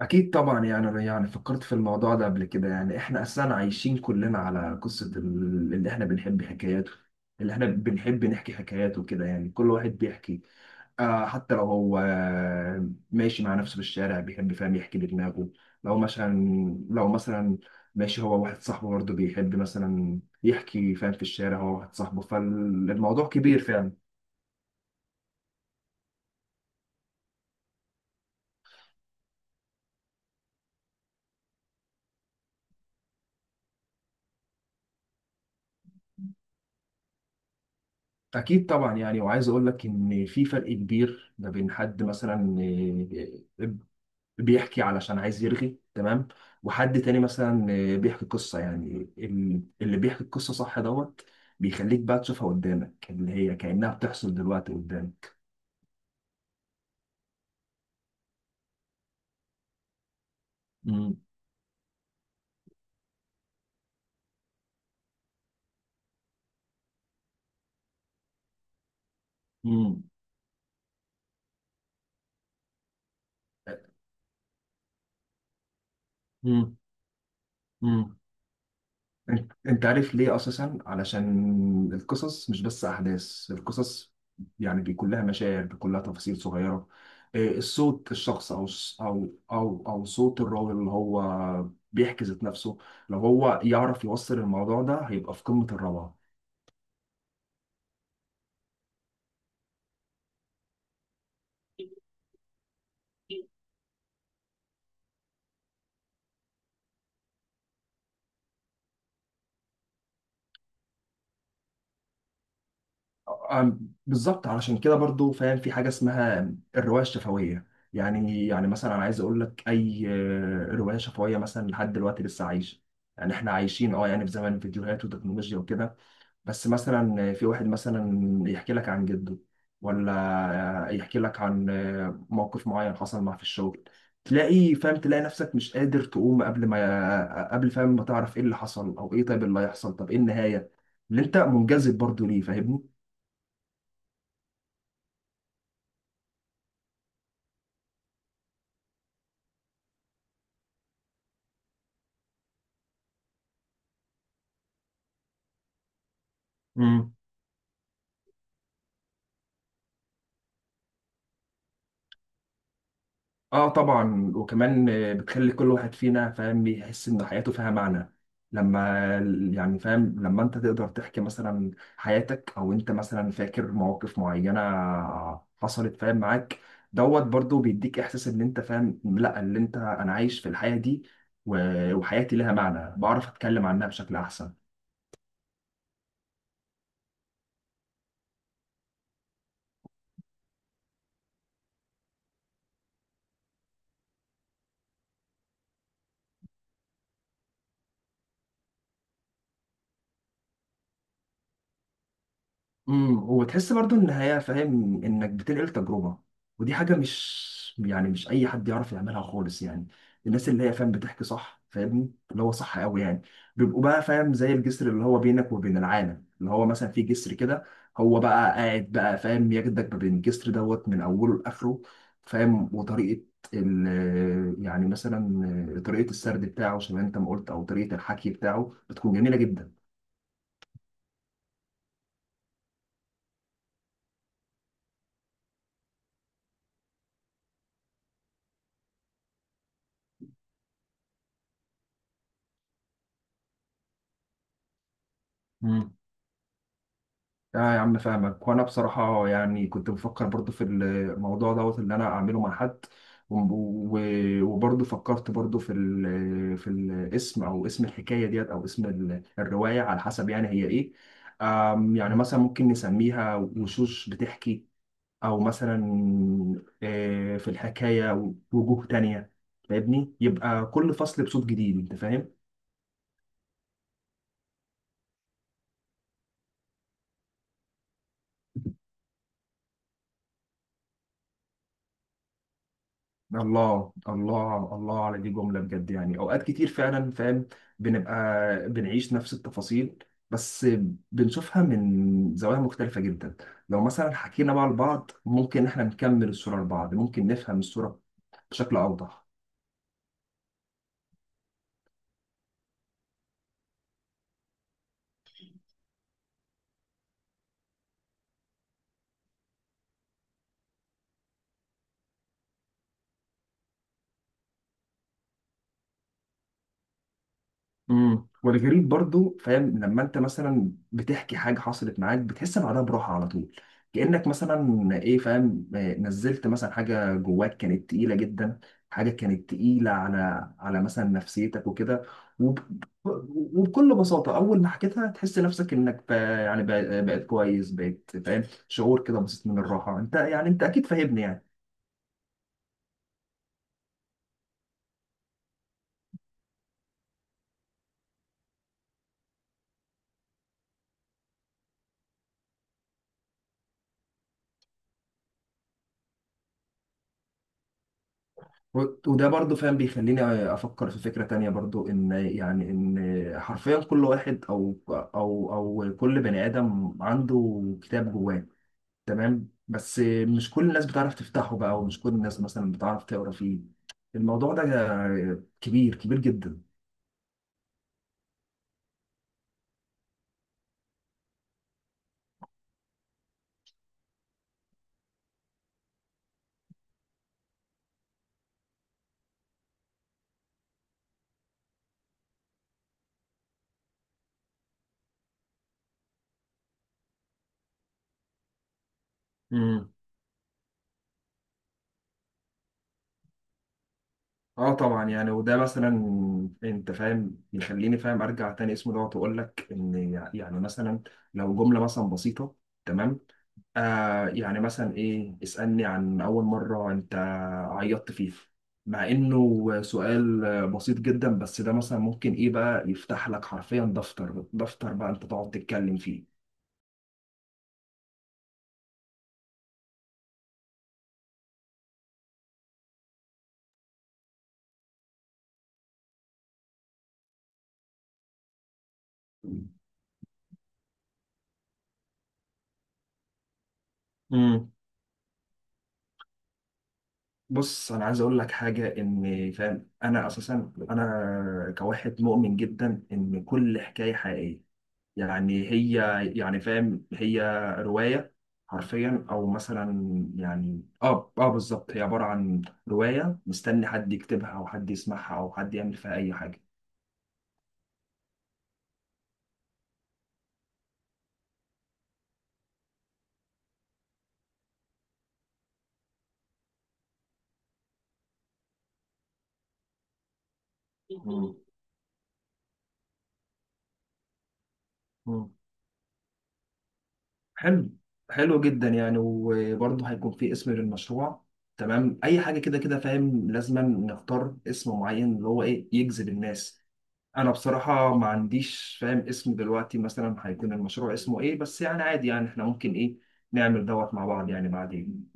أكيد طبعا، يعني أنا يعني فكرت في الموضوع ده قبل كده. يعني إحنا أساسا عايشين كلنا على قصة اللي إحنا بنحب حكاياته، اللي إحنا بنحب نحكي حكاياته كده. يعني كل واحد بيحكي، حتى لو هو ماشي مع نفسه في الشارع بيحب، فاهم، يحكي لدماغه. لو مثلا لو مثلا ماشي هو واحد صاحبه، برضه بيحب مثلا يحكي، فاهم، في الشارع هو واحد صاحبه. فالموضوع كبير فعلا. أكيد طبعا، يعني وعايز أقول لك إن في فرق كبير ما بين حد مثلا آه، بيحكي علشان عايز يرغي، تمام، وحد تاني مثلا بيحكي قصة. يعني اللي بيحكي القصة صح دوت، بيخليك بقى تشوفها قدامك، اللي هي كأنها بتحصل دلوقتي قدامك. مم. مم. مم. مم. انت عارف ليه؟ اساسا علشان القصص مش بس احداث القصص، يعني بيكون لها مشاعر، بيكون لها تفاصيل صغيره، إيه، الصوت الشخص او صوت الراجل اللي هو بيحكي ذات نفسه. لو هو يعرف يوصل الموضوع ده هيبقى في قمه الروعه. أم- بالظبط، علشان كده برضو، فاهم، في حاجه اسمها الروايه الشفويه. يعني مثلا انا عايز اقول لك اي روايه شفويه مثلا لحد دلوقتي لسه عايشه. يعني احنا عايشين، يعني في زمن الفيديوهات والتكنولوجيا وكده. بس مثلا في واحد مثلا يحكي لك عن جده، ولا يحكي لك عن موقف معين حصل معاه في الشغل. تلاقي، فاهم، تلاقي نفسك مش قادر تقوم قبل ما قبل، فاهم، ما تعرف ايه اللي حصل او ايه طيب اللي هيحصل، طب ايه النهاية اللي انت منجذب برضو ليه، فاهمني؟ اه طبعا، وكمان بتخلي كل واحد فينا، فاهم، يحس ان حياته فيها معنى، لما يعني، فاهم، لما انت تقدر تحكي مثلا حياتك، او انت مثلا فاكر مواقف معينة حصلت، فاهم، معاك دوت، برضو بيديك احساس ان انت، فاهم، لا اللي انت انا عايش في الحياة دي، وحياتي لها معنى، بعرف اتكلم عنها بشكل احسن. امم، وتحس برضو ان هي، فاهم، انك بتنقل تجربه، ودي حاجه مش، يعني مش اي حد يعرف يعملها خالص. يعني الناس اللي هي، فاهم، بتحكي صح، فاهمني، اللي هو صح قوي، يعني بيبقوا بقى، فاهم، زي الجسر اللي هو بينك وبين العالم، اللي هو مثلا في جسر كده، هو بقى قاعد بقى، فاهم، ياخدك ما بين الجسر دوت من اوله لاخره، فاهم. وطريقه ال يعني مثلا طريقه السرد بتاعه زي ما انت ما قلت، او طريقه الحكي بتاعه بتكون جميله جدا. اه يا عم فاهمك، وانا بصراحه يعني كنت بفكر برضو في الموضوع دوت اللي انا اعمله مع حد، و- وبرضو فكرت برضو في في الاسم، او اسم الحكايه ديت، او اسم الروايه على حسب، يعني هي ايه. يعني مثلا ممكن نسميها وشوش بتحكي، او مثلا في الحكايه وجوه تانية، فاهمني. يبقى كل فصل بصوت جديد، انت فاهم. الله الله الله على دي، جملة بجد. يعني أوقات كتير فعلا، فاهم، بنبقى بنعيش نفس التفاصيل، بس بنشوفها من زوايا مختلفة جدا. لو مثلا حكينا بقى لبعض، ممكن احنا نكمل الصورة لبعض، ممكن نفهم الصورة بشكل أوضح. امم، والغريب برضو، فاهم، لما انت مثلا بتحكي حاجه حصلت معاك بتحس بعدها براحه على طول، كانك مثلا ايه، فاهم، نزلت مثلا حاجه جواك كانت تقيله جدا، حاجه كانت تقيله على على مثلا نفسيتك وكده. وب... وبكل بساطه اول ما حكيتها تحس نفسك انك بقيت كويس، بقيت، فاهم، شعور كده بسيط من الراحه. انت يعني انت اكيد فاهمني. و- وده برضو، فاهم، بيخليني افكر في فكرة تانية برضو، ان يعني ان حرفيا كل واحد او كل بني ادم عنده كتاب جواه، تمام، بس مش كل الناس بتعرف تفتحه بقى، ومش كل الناس مثلا بتعرف تقرا فيه. الموضوع ده كبير كبير جدا. امم، اه طبعا، يعني وده مثلا انت، فاهم، يخليني، فاهم، ارجع تاني اسمه دوت واقول لك ان، يعني مثلا لو جمله مثلا بسيطه، تمام، آه يعني مثلا ايه، اسألني عن اول مرة انت عيطت فيها، مع انه سؤال بسيط جدا، بس ده مثلا ممكن ايه بقى يفتح لك حرفيا دفتر، دفتر بقى انت تقعد تتكلم فيه. امم. بص، انا عايز اقول لك حاجة، ان، فاهم، انا اساسا انا كواحد مؤمن جدا ان كل حكاية حقيقية، يعني هي، يعني، فاهم، هي رواية حرفيا، او مثلا، يعني اه بالظبط، هي عبارة عن رواية مستني حد يكتبها او حد يسمعها او حد يعمل فيها اي حاجة. مم. مم. حلو، حلو جدا. يعني وبرضه هيكون في اسم للمشروع، تمام، اي حاجة كده كده، فاهم، لازم نختار اسم معين اللي هو ايه، يجذب الناس. انا بصراحه ما عنديش، فاهم، اسم دلوقتي مثلا هيكون المشروع اسمه ايه، بس يعني عادي، يعني احنا ممكن ايه نعمل دوت مع بعض يعني بعدين.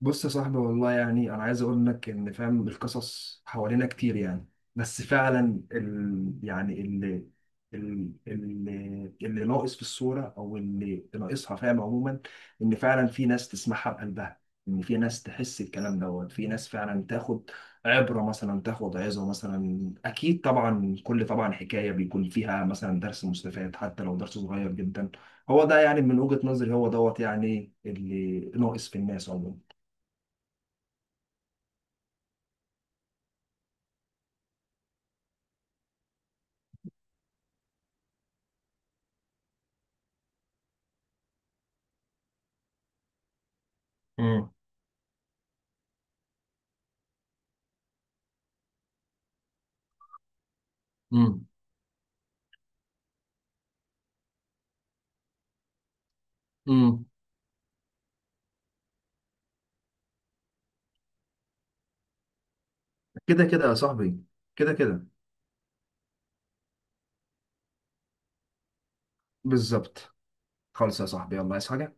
بص يا صاحبي، والله يعني انا عايز اقول لك ان، فاهم، القصص حوالينا كتير، يعني بس فعلا يعني اللي ناقص في الصورة، او اللي ناقصها، فاهم عموما، ان فعلا في ناس تسمعها بقلبها، ان في ناس تحس الكلام دوت، في ناس فعلا تاخد عبرة مثلا، تاخد عظة مثلا. اكيد طبعا كل، طبعا حكاية بيكون فيها مثلا درس مستفاد، حتى لو درس صغير جدا. هو ده، يعني من وجهة نظري هو دوت، يعني اللي ناقص في الناس عموما. مم. مم. مم. كده كده يا صاحبي. كده كده، بالظبط. خالص يا صاحبي، يلا عايز حاجة؟